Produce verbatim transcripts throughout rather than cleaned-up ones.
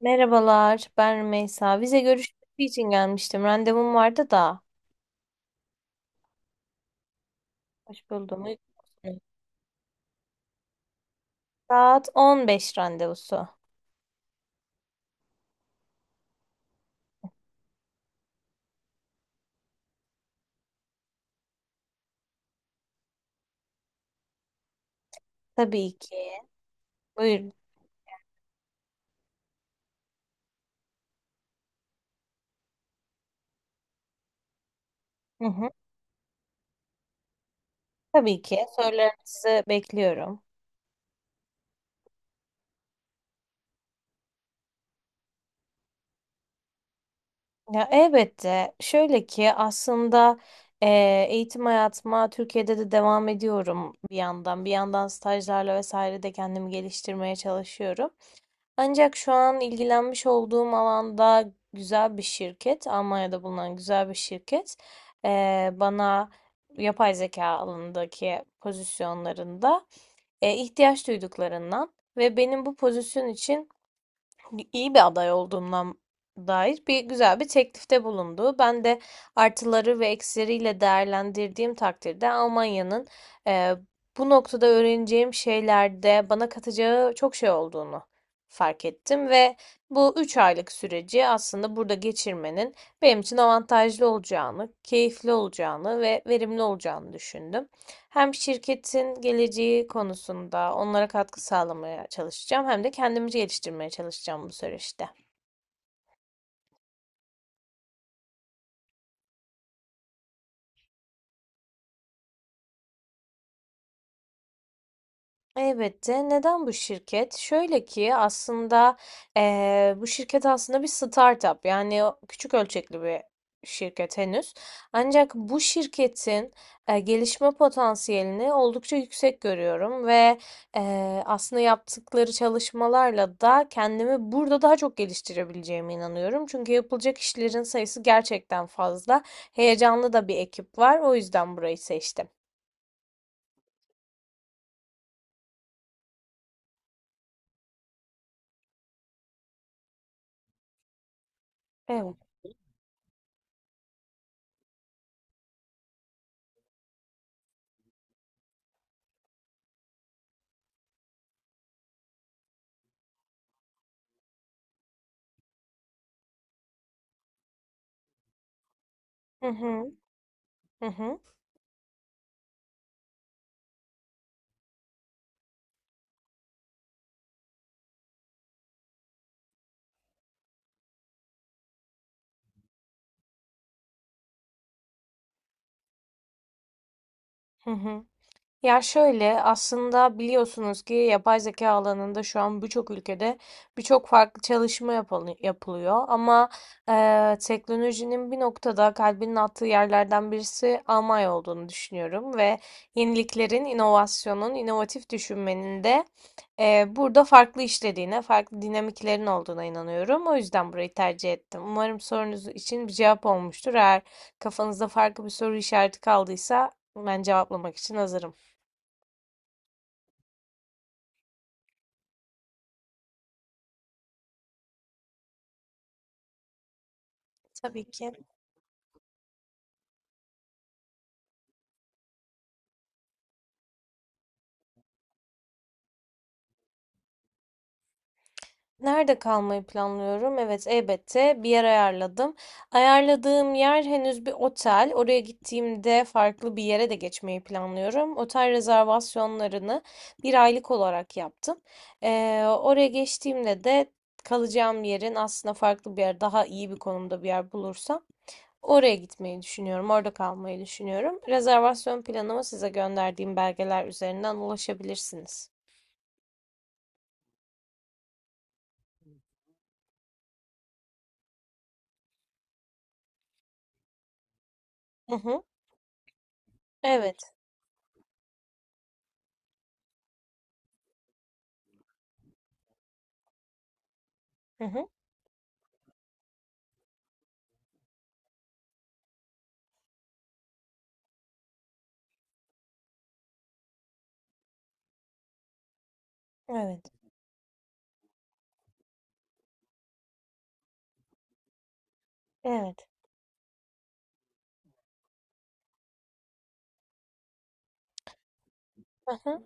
Merhabalar, ben Rümeysa. Vize görüşmesi için gelmiştim. Randevum vardı da. Hoş buldum. Uygun musunuz? Saat on beş randevusu. Tabii ki. Buyurun. Hı hı. Tabii ki. Sorularınızı bekliyorum. Ya elbette. Şöyle ki aslında e, eğitim hayatıma Türkiye'de de devam ediyorum bir yandan. Bir yandan stajlarla vesaire de kendimi geliştirmeye çalışıyorum. Ancak şu an ilgilenmiş olduğum alanda güzel bir şirket, Almanya'da bulunan güzel bir şirket, eee, bana yapay zeka alanındaki pozisyonlarında e, ihtiyaç duyduklarından ve benim bu pozisyon için hani, iyi bir aday olduğundan dair bir güzel bir teklifte bulundu. Ben de artıları ve eksileriyle değerlendirdiğim takdirde Almanya'nın e, bu noktada öğreneceğim şeylerde bana katacağı çok şey olduğunu fark ettim ve bu üç aylık süreci aslında burada geçirmenin benim için avantajlı olacağını, keyifli olacağını ve verimli olacağını düşündüm. Hem şirketin geleceği konusunda onlara katkı sağlamaya çalışacağım hem de kendimi geliştirmeye çalışacağım bu süreçte. Elbette. Neden bu şirket? Şöyle ki aslında eee, bu şirket aslında bir startup, yani o küçük ölçekli bir şirket henüz. Ancak bu şirketin eee, gelişme potansiyelini oldukça yüksek görüyorum ve eee, aslında yaptıkları çalışmalarla da kendimi burada daha çok geliştirebileceğime inanıyorum. Çünkü yapılacak işlerin sayısı gerçekten fazla. Heyecanlı da bir ekip var, o yüzden burayı seçtim. Evet. Hı hı. Hı hı. Hı hı. Ya şöyle, aslında biliyorsunuz ki yapay zeka alanında şu an birçok ülkede birçok farklı çalışma yapılı- yapılıyor. Ama eee, teknolojinin bir noktada kalbinin attığı yerlerden birisi Almanya olduğunu düşünüyorum. Ve yeniliklerin, inovasyonun, inovatif düşünmenin de eee, burada farklı işlediğine, farklı dinamiklerin olduğuna inanıyorum. O yüzden burayı tercih ettim. Umarım sorunuz için bir cevap olmuştur. Eğer kafanızda farklı bir soru işareti kaldıysa ben cevaplamak için hazırım. Tabii ki. Nerede kalmayı planlıyorum? Evet, elbette bir yer ayarladım. Ayarladığım yer henüz bir otel. Oraya gittiğimde farklı bir yere de geçmeyi planlıyorum. Otel rezervasyonlarını bir aylık olarak yaptım. Ee, oraya geçtiğimde de kalacağım yerin aslında farklı bir yer, daha iyi bir konumda bir yer bulursam oraya gitmeyi düşünüyorum. Orada kalmayı düşünüyorum. Rezervasyon planımı size gönderdiğim belgeler üzerinden ulaşabilirsiniz. Hı hı. Evet. Hı hı. Evet. Evet. Aha.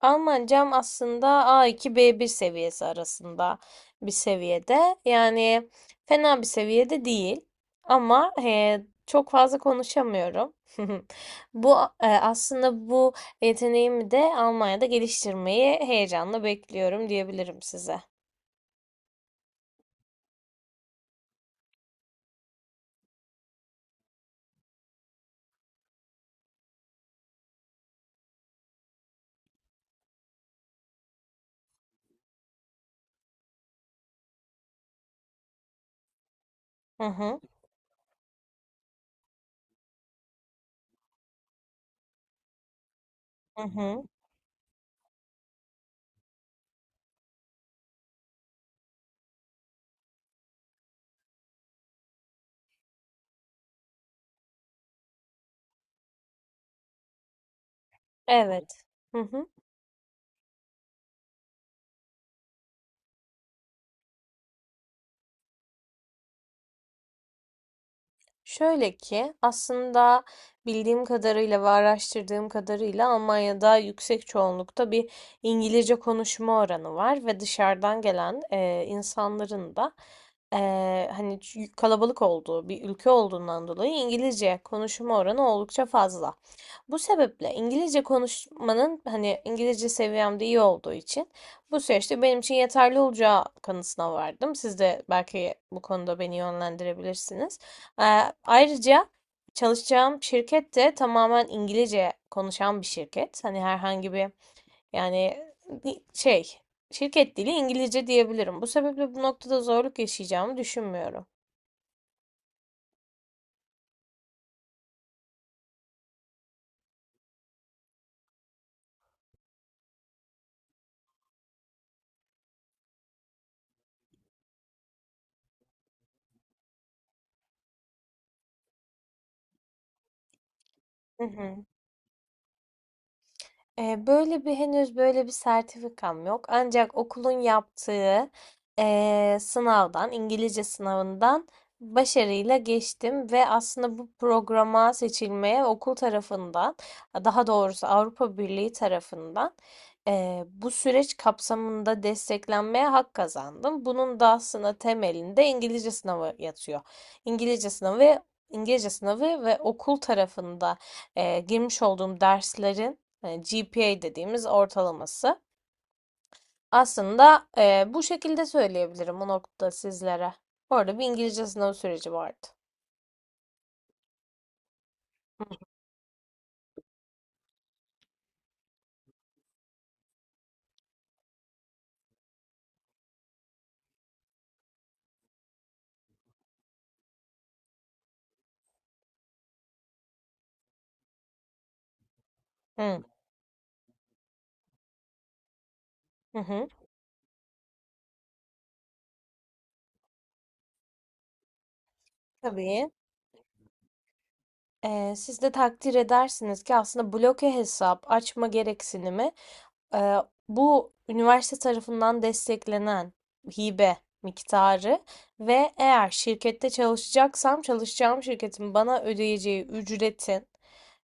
Almancam aslında a iki b bir seviyesi arasında bir seviyede. Yani fena bir seviyede değil. Ama e, çok fazla konuşamıyorum. Bu e, aslında bu Yeteneğimi de Almanya'da geliştirmeyi heyecanla bekliyorum diyebilirim size. Hı hı, hı hı. Evet. Hı hı. Şöyle ki aslında bildiğim kadarıyla ve araştırdığım kadarıyla Almanya'da yüksek çoğunlukta bir İngilizce konuşma oranı var ve dışarıdan gelen eee, insanların da eee, hani, ç- kalabalık olduğu bir ülke olduğundan dolayı İngilizce konuşma oranı oldukça fazla. Bu sebeple İngilizce konuşmanın, hani İngilizce seviyem de iyi olduğu için, bu süreçte benim için yeterli olacağı kanısına vardım. Siz de belki bu konuda beni yönlendirebilirsiniz. Ee, Ayrıca çalışacağım şirket de tamamen İngilizce konuşan bir şirket. Hani herhangi bir, yani, bir şey, şirket dili İngilizce diyebilirim. Bu sebeple bu noktada zorluk yaşayacağımı düşünmüyorum. Hı hı. Eee, böyle bir Henüz böyle bir sertifikam yok. Ancak okulun yaptığı eee, sınavdan, İngilizce sınavından başarıyla geçtim ve aslında bu programa seçilmeye okul tarafından, daha doğrusu Avrupa Birliği tarafından eee, bu süreç kapsamında desteklenmeye hak kazandım. Bunun da aslında temelinde İngilizce sınavı yatıyor. İngilizce sınavı, İngilizce sınavı ve okul tarafında eee, girmiş olduğum derslerin e, G P A dediğimiz ortalaması. Aslında e, bu şekilde söyleyebilirim bu noktada sizlere. Orada bir İngilizce sınav süreci vardı. Hı hı. Hı. Tabii. Ee, siz de takdir edersiniz ki aslında bloke hesap açma gereksinimi, e, bu üniversite tarafından desteklenen hibe miktarı ve eğer şirkette çalışacaksam çalışacağım şirketin bana ödeyeceği ücretin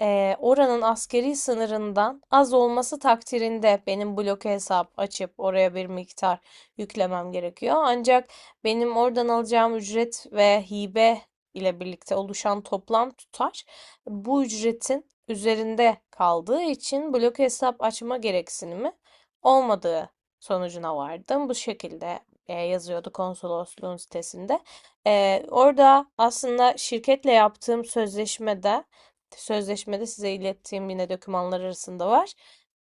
ee, oranın askeri sınırından az olması takdirinde benim bloke hesap açıp oraya bir miktar yüklemem gerekiyor. Ancak benim oradan alacağım ücret ve hibe ile birlikte oluşan toplam tutar bu ücretin üzerinde kaldığı için bloke hesap açma gereksinimi olmadığı sonucuna vardım. Bu şekilde e, yazıyordu konsolosluğun sitesinde. Ee, orada aslında şirketle yaptığım sözleşmede sözleşmede size ilettiğim yine dokümanlar arasında var.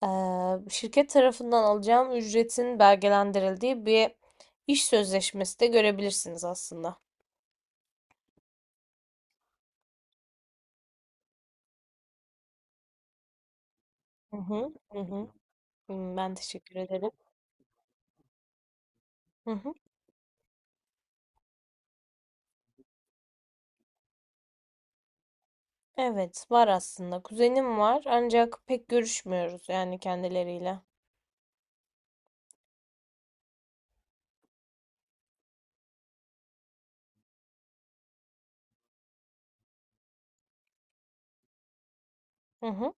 Eee, şirket tarafından alacağım ücretin belgelendirildiği bir iş sözleşmesi de görebilirsiniz aslında. Hı hı, hı hı. Hmm, ben teşekkür ederim. Hı hı. Evet, var aslında. Kuzenim var ancak pek görüşmüyoruz yani kendileriyle. Hı hı,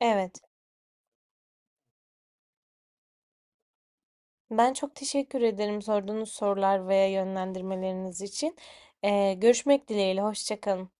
evet. Ben çok teşekkür ederim sorduğunuz sorular veya yönlendirmeleriniz için. Ee, görüşmek dileğiyle. Hoşça kalın.